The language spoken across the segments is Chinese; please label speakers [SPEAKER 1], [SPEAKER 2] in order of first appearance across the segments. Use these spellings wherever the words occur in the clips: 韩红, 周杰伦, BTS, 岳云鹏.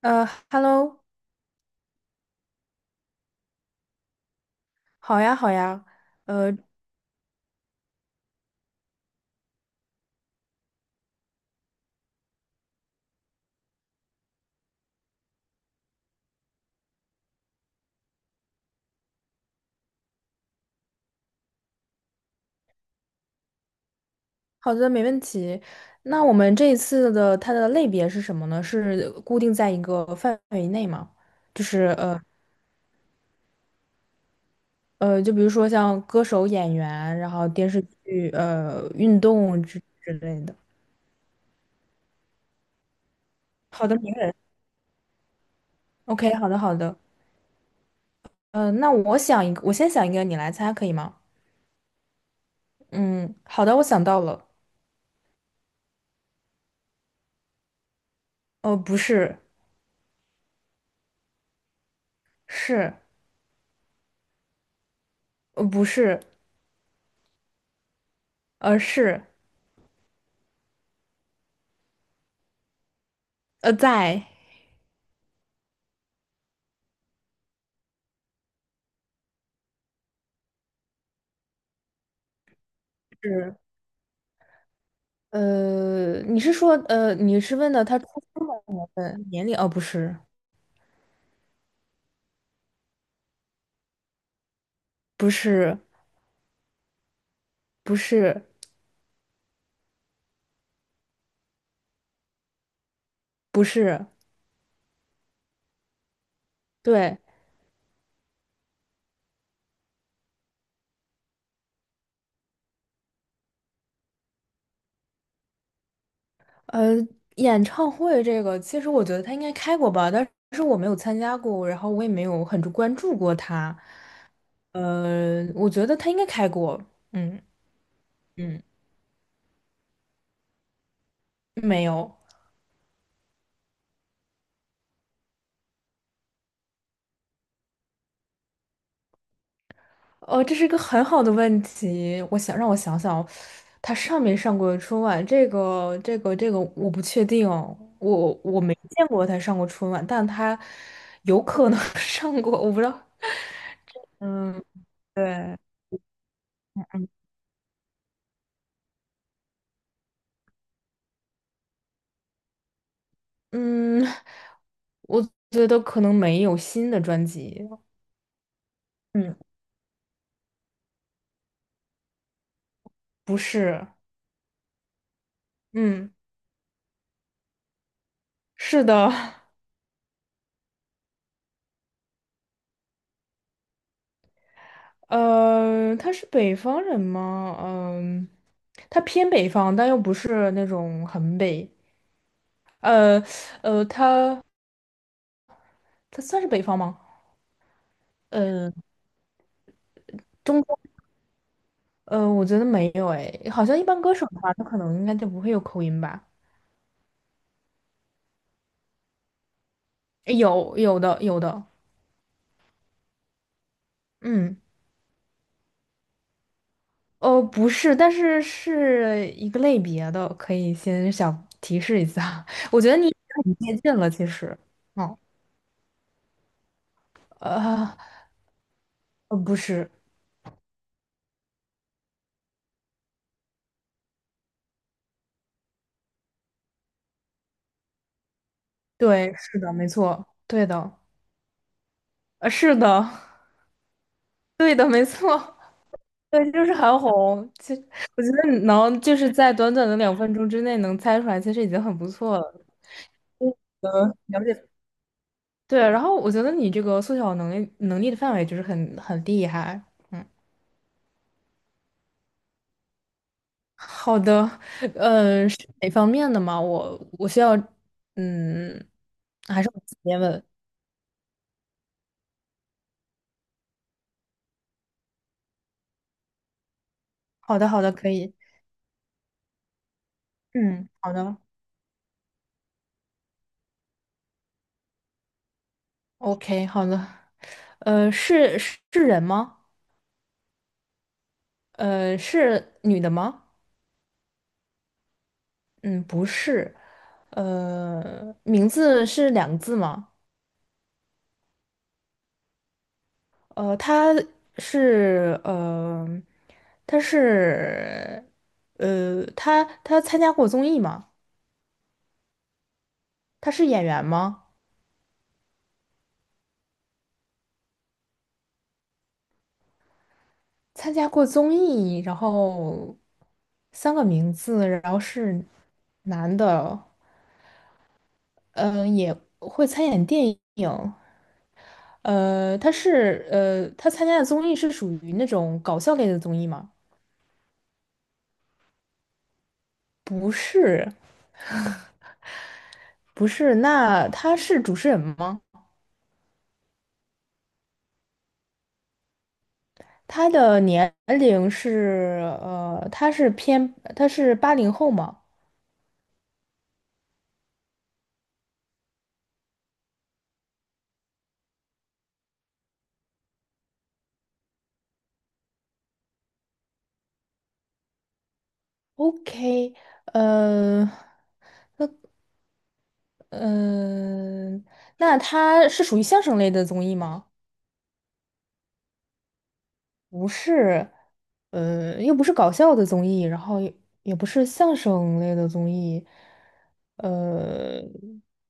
[SPEAKER 1] 呃，Hello，好呀，好呀，呃，好的，没问题。那我们这一次的它的类别是什么呢？是固定在一个范围内吗？就是就比如说像歌手、演员，然后电视剧、运动之类的。好的，名人。OK，好的，好的。那我想一个，我先想一个，你来猜可以吗？嗯，好的，我想到了。不是，是，不是，是，在。你是问的他出生的年份、年龄？哦，不是，不是，不是，不是，对，呃，演唱会这个，其实我觉得他应该开过吧，但是我没有参加过，然后我也没有很关注过他。我觉得他应该开过，嗯嗯，没有。哦，这是一个很好的问题。让我想想，他上没上过春晚？这个，我不确定哦。我没见过他上过春晚，但他有可能 上过，我不知道。嗯，对，嗯，我觉得可能没有新的专辑。嗯，不是。嗯，是的。他是北方人吗？嗯，他偏北方，但又不是那种很北。呃呃，它它算是北方吗？呃，中东我觉得没有哎，好像一般歌手的话，他可能应该就不会有口音吧？有有的有的，嗯，哦，不是，但是是一个类别的，可以先小提示一下。我觉得你已经很接近了，其实，哦，呃，不是，对，是的，没错，对的，是的，对的，没错。对，就是韩红。其实我觉得你能就是在短短的2分钟之内能猜出来，其实已经很不错了。了解 对，然后我觉得你这个缩小能力的范围就是很厉害。嗯，好的，是哪方面的吗？我需要，嗯，还是我直接问？好的，好的，可以。嗯，好的，OK，好的。是人吗？是女的吗？嗯，不是，名字是两个字吗？呃，他是呃，他是呃，他他参加过综艺吗？他是演员吗？参加过综艺，然后三个名字，然后是男的，嗯、也会参演电影，他参加的综艺是属于那种搞笑类的综艺吗？不是。不是，那他是主持人吗？他的年龄是他是80后吗？OK，呃嗯、那他是属于相声类的综艺吗？不是，又不是搞笑的综艺，然后也不是相声类的综艺，呃，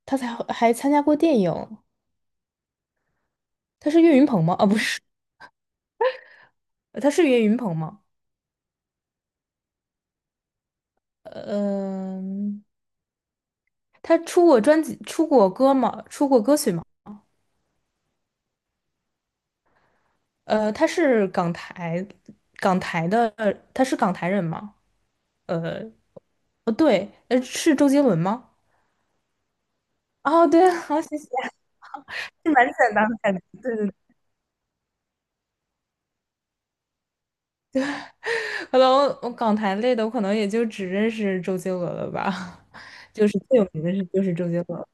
[SPEAKER 1] 他才还参加过电影，他是岳云鹏吗？啊，不是，他是岳云鹏吗？呃嗯、他出过专辑，出过歌吗？出过歌曲吗？他是港台，港台的，他是港台人吗？呃，不对，是周杰伦吗？哦，对，好，谢谢，是蛮简单的感觉。对对对，可能我港台类的，我可能也就只认识周杰伦了吧，就是最有名的是就是周杰伦。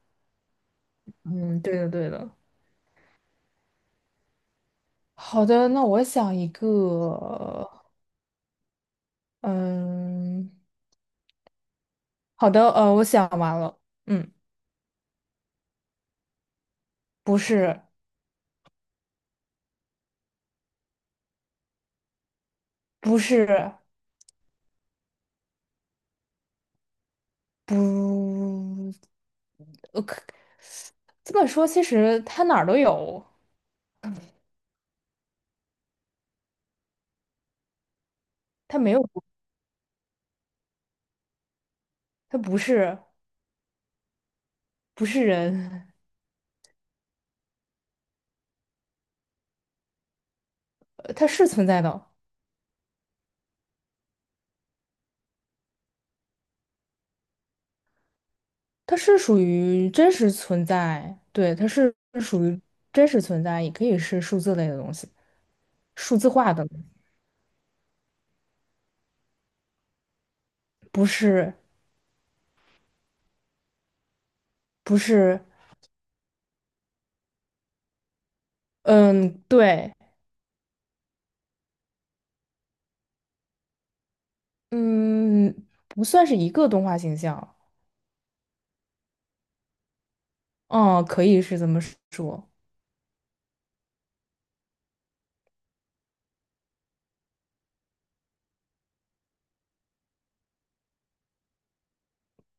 [SPEAKER 1] 嗯，对的对的。好的，那我想一个，嗯，好的，我想完了，嗯，不是，不是，不，可这么说，其实它哪儿都有，它没有不，它不是不是人，它是存在的，它是属于真实存在，对，它是属于真实存在，也可以是数字类的东西，数字化的，不是不是，嗯，对，嗯，不算是一个动画形象，哦，可以是这么说，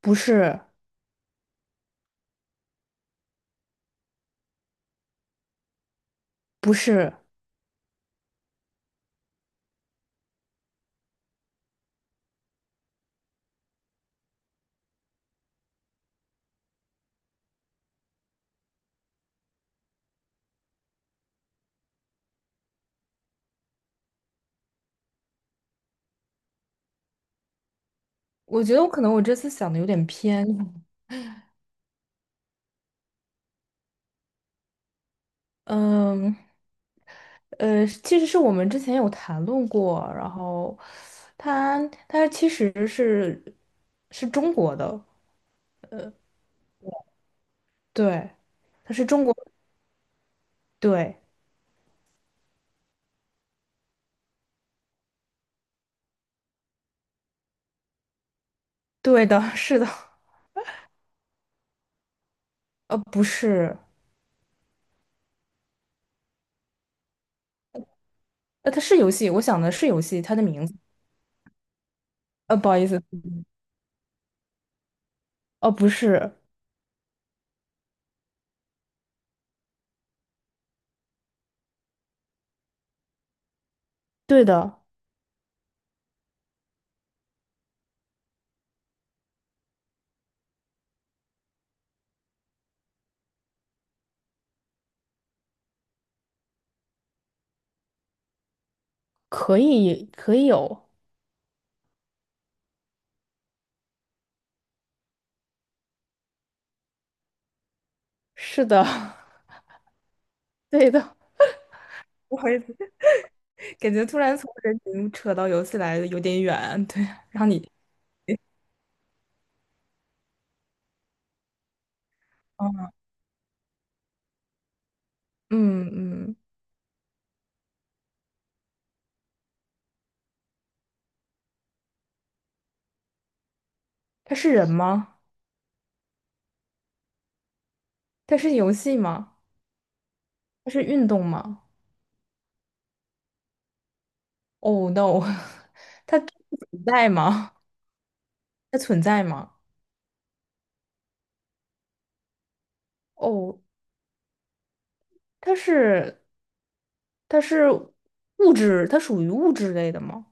[SPEAKER 1] 不是不是，我觉得我可能我这次想的有点偏，嗯。其实是我们之前有谈论过，然后他他其实是中国的，对，他是中国，对，对的，是的，不是，它是游戏，我想的是游戏，它的名字，不好意思，哦，不是，对的，可以有，是的，对的，不好意思，感觉突然从人名扯到游戏来的有点远，对，让你，嗯嗯，他是人吗？它是游戏吗？它是运动吗？Oh no，它存在吗？它存在吗？哦，它是它是物质，它属于物质类的吗？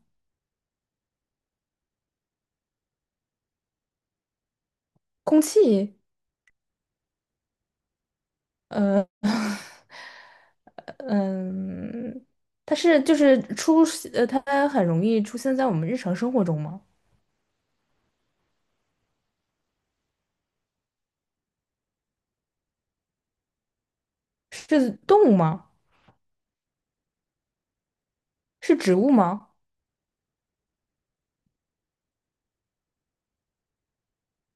[SPEAKER 1] 空气，呃嗯，它是就是出呃，它很容易出现在我们日常生活中吗？是动物吗？是植物吗？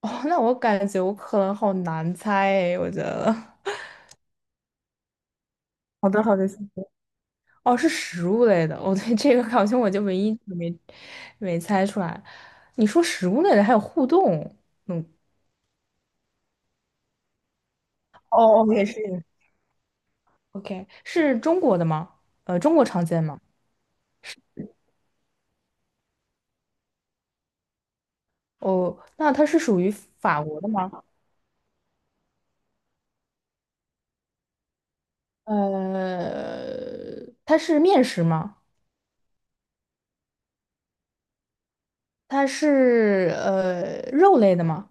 [SPEAKER 1] 哦，那我感觉我可能好难猜诶，我觉得。好的，好的，哦，是食物类的，我对这个好像我就唯一没猜出来。你说食物类的还有互动，嗯，哦哦，也是。OK，是中国的吗？中国常见吗？哦，那它是属于法国的吗？它是面食吗？它是肉类的吗？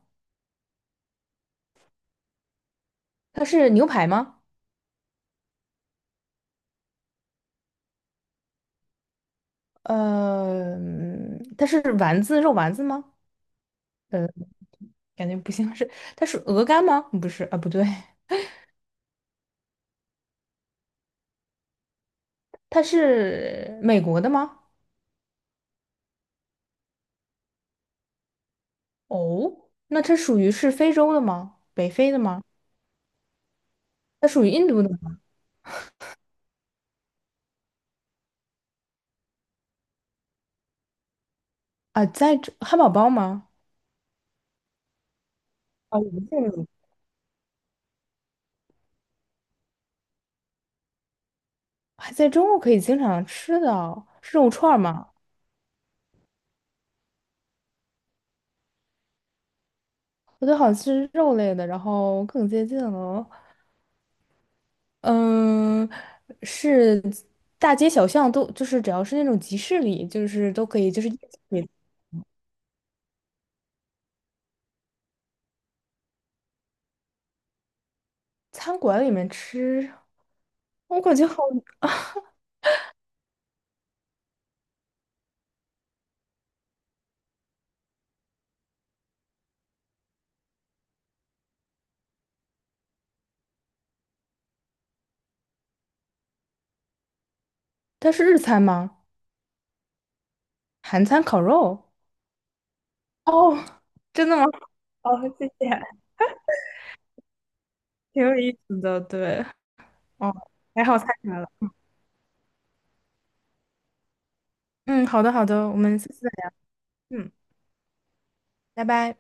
[SPEAKER 1] 它是牛排吗？它是肉丸子吗？呃，感觉不像是，它是鹅肝吗？不是啊，不对，它是美国的吗？哦，那它属于是非洲的吗？北非的吗？它属于印度的吗？啊，在这汉堡包吗？啊，我们这里还在中国可以经常吃的，是肉串儿吗？我觉得好像是肉类的，然后更接近了。嗯，是大街小巷都，就是只要是那种集市里，就是都可以，就是你餐馆里面吃，我感觉好，它是日餐吗？韩餐烤肉？哦，真的吗？哦，谢谢，挺有意思的，对，哦，还好猜出来了。嗯，好的，好的，我们下次再聊。嗯，拜拜。